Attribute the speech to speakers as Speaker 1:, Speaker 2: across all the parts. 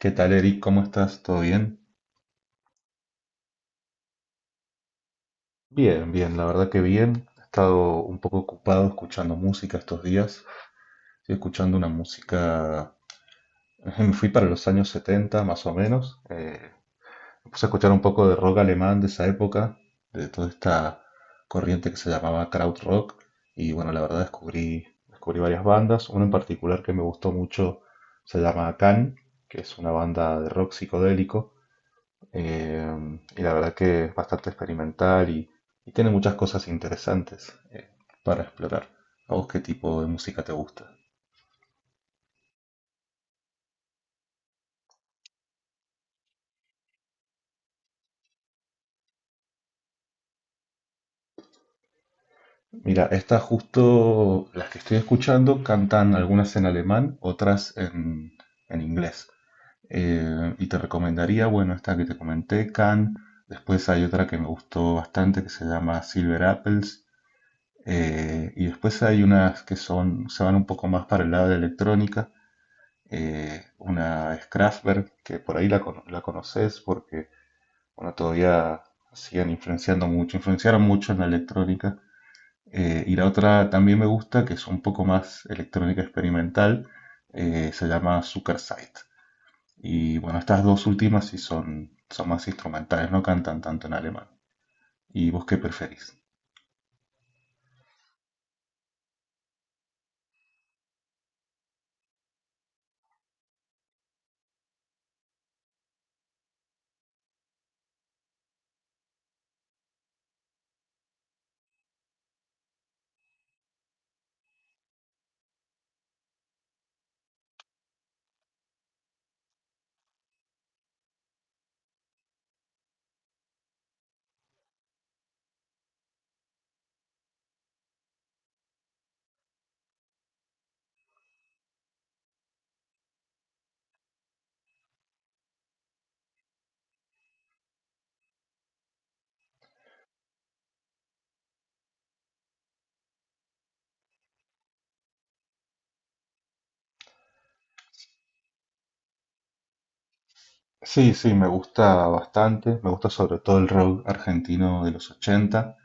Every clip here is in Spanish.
Speaker 1: ¿Qué tal, Eric? ¿Cómo estás? ¿Todo bien? Bien, bien, la verdad que bien. He estado un poco ocupado escuchando música estos días. Estoy escuchando una música... Me fui para los años 70, más o menos. Me puse a escuchar un poco de rock alemán de esa época, de toda esta corriente que se llamaba krautrock. Y bueno, la verdad descubrí varias bandas. Una en particular que me gustó mucho se llama Can, que es una banda de rock psicodélico. Y la verdad que es bastante experimental y tiene muchas cosas interesantes para explorar. ¿A vos qué tipo de música te gusta? Mira, estas justo las que estoy escuchando cantan algunas en alemán, en inglés. Y te recomendaría, bueno, esta que te comenté, Can. Después hay otra que me gustó bastante que se llama Silver Apples. Y después hay unas que son, se van un poco más para el lado de electrónica, una es Kraftwerk, que por ahí la conoces porque bueno, todavía siguen influenciando mucho, influenciaron mucho en la electrónica. Y la otra también me gusta, que es un poco más electrónica experimental, se llama Zuckerzeit. Y bueno, estas dos últimas sí son más instrumentales, no cantan tanto en alemán. ¿Y vos qué preferís? Sí, sí, me gusta bastante. Me gusta sobre todo el rock argentino de los 80.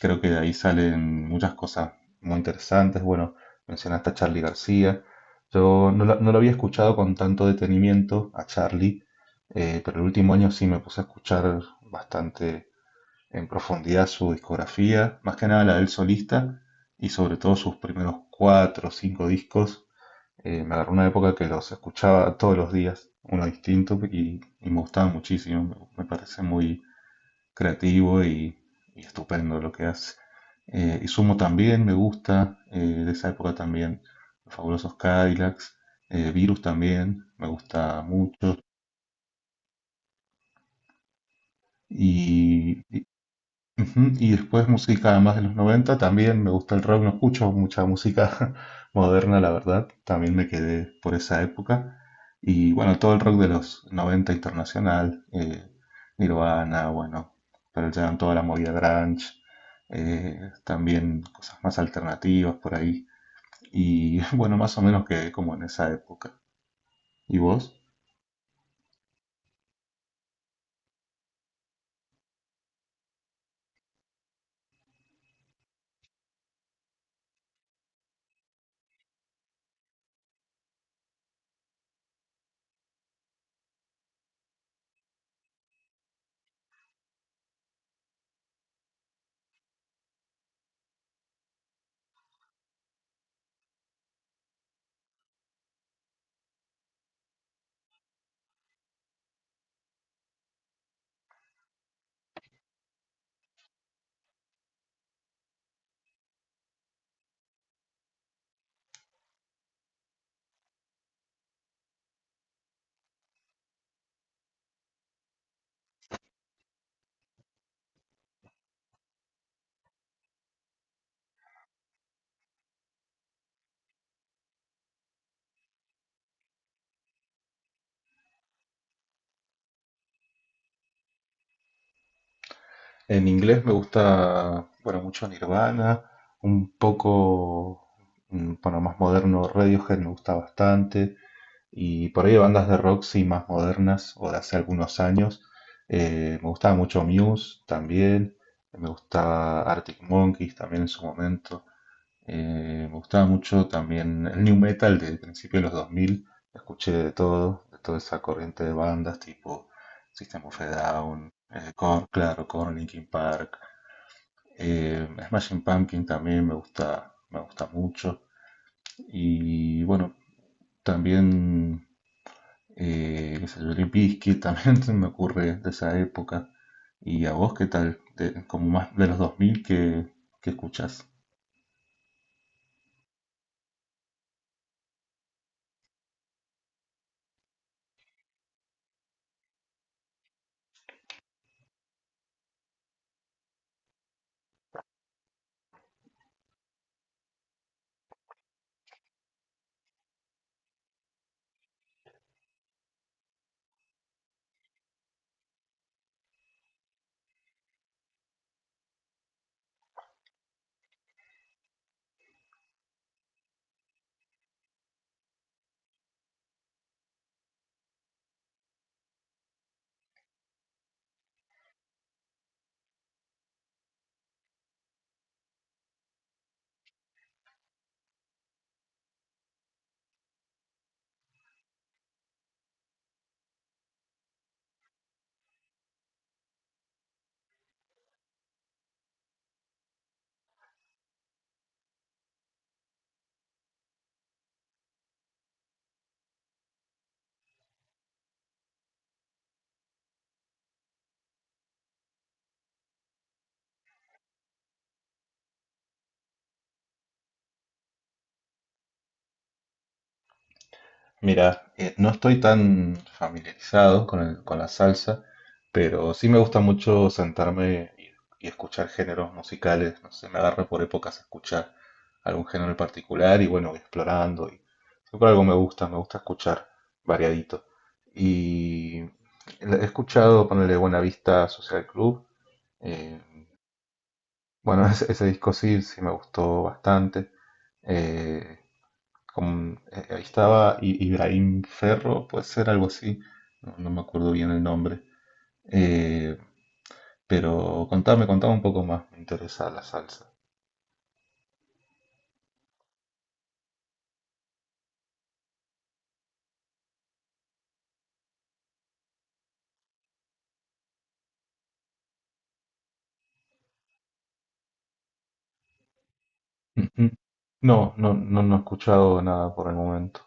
Speaker 1: Creo que de ahí salen muchas cosas muy interesantes. Bueno, mencionaste a Charlie García. Yo no lo había escuchado con tanto detenimiento a Charlie, pero el último año sí me puse a escuchar bastante en profundidad su discografía, más que nada la del solista y sobre todo sus primeros cuatro o cinco discos. Me agarró una época que los escuchaba todos los días, uno distinto, y me gustaba muchísimo. Me parece muy creativo y estupendo lo que hace. Y sumo también me gusta, de esa época también, los fabulosos Cadillacs, Virus también, me gusta mucho. Y ujú, y después música además de los 90 también me gusta el rock, no escucho mucha música moderna, la verdad, también me quedé por esa época. Y bueno, todo el rock de los 90 internacional, Nirvana, bueno, pero Jam, toda la movida grunge, también cosas más alternativas por ahí. Y bueno, más o menos quedé como en esa época. ¿Y vos? En inglés me gusta, bueno, mucho Nirvana, un poco, mm, bueno, más moderno Radiohead me gusta bastante, y por ahí bandas de rock sí más modernas o de hace algunos años. Me gustaba mucho Muse también, me gustaba Arctic Monkeys también en su momento. Me gustaba mucho también el new metal de principios de los 2000. Escuché de todo, de toda esa corriente de bandas tipo System of a Down, Korn, claro, Korn, Linkin Park, Smashing Pumpkin también me gusta mucho. Y bueno, también, qué sé yo, Limp Bizkit también se me ocurre de esa época. ¿Y a vos qué tal? De- como más de los 2000 que escuchás. Mira, no estoy tan familiarizado con con la salsa, pero sí me gusta mucho sentarme y escuchar géneros musicales. No sé, me agarra por épocas a escuchar algún género en particular y bueno, voy explorando. Y siempre algo me gusta escuchar variadito. Y he escuchado, ponerle Buena Vista Social Club. eh, bueno, ese disco sí, sí me gustó bastante. Eh, Ahí estaba Ibrahim Ferro, puede ser algo así, no me acuerdo bien el nombre. Eh, pero contame un poco más, me interesa la salsa. Ujú. No, no, no, no he escuchado nada por el momento.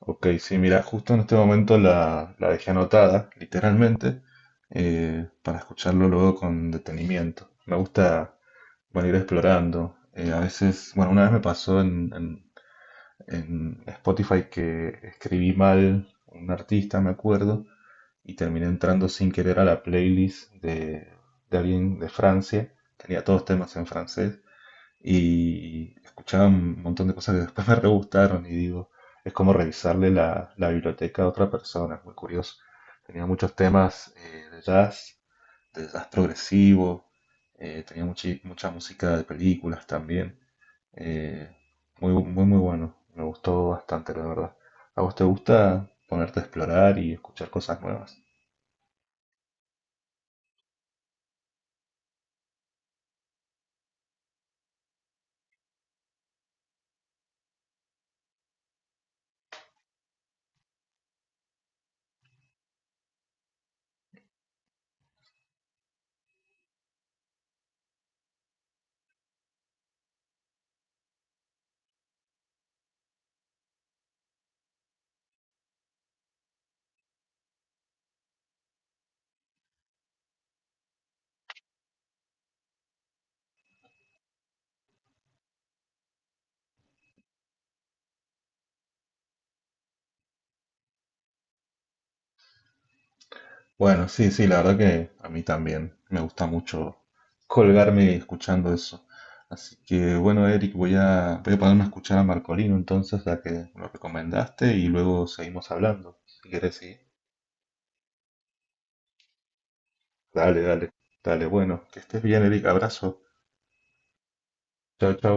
Speaker 1: Ok, sí, mira, justo en este momento la dejé anotada, literalmente, para escucharlo luego con detenimiento. Me gusta, bueno, ir explorando. A veces, bueno, una vez me pasó en Spotify que escribí mal un artista, me acuerdo, y terminé entrando sin querer a la playlist de alguien de Francia. Tenía todos temas en francés y escuchaba un montón de cosas que después me re gustaron y digo, es como revisarle la biblioteca a otra persona, es muy curioso. Tenía muchos temas de jazz progresivo, tenía mucha música de películas también. Eh, Muy bueno. Me gustó bastante, la verdad. ¿A vos te gusta ponerte a explorar y escuchar cosas nuevas? Bueno, sí, sí, la verdad que a mí también me gusta mucho colgarme escuchando eso. Así que bueno, Eric, voy a ponerme a escuchar a Marcolino entonces, la que lo recomendaste, y luego seguimos hablando. Si querés, sí. Dale, dale. Dale, bueno, que estés bien, Eric. Abrazo. Chao, chao.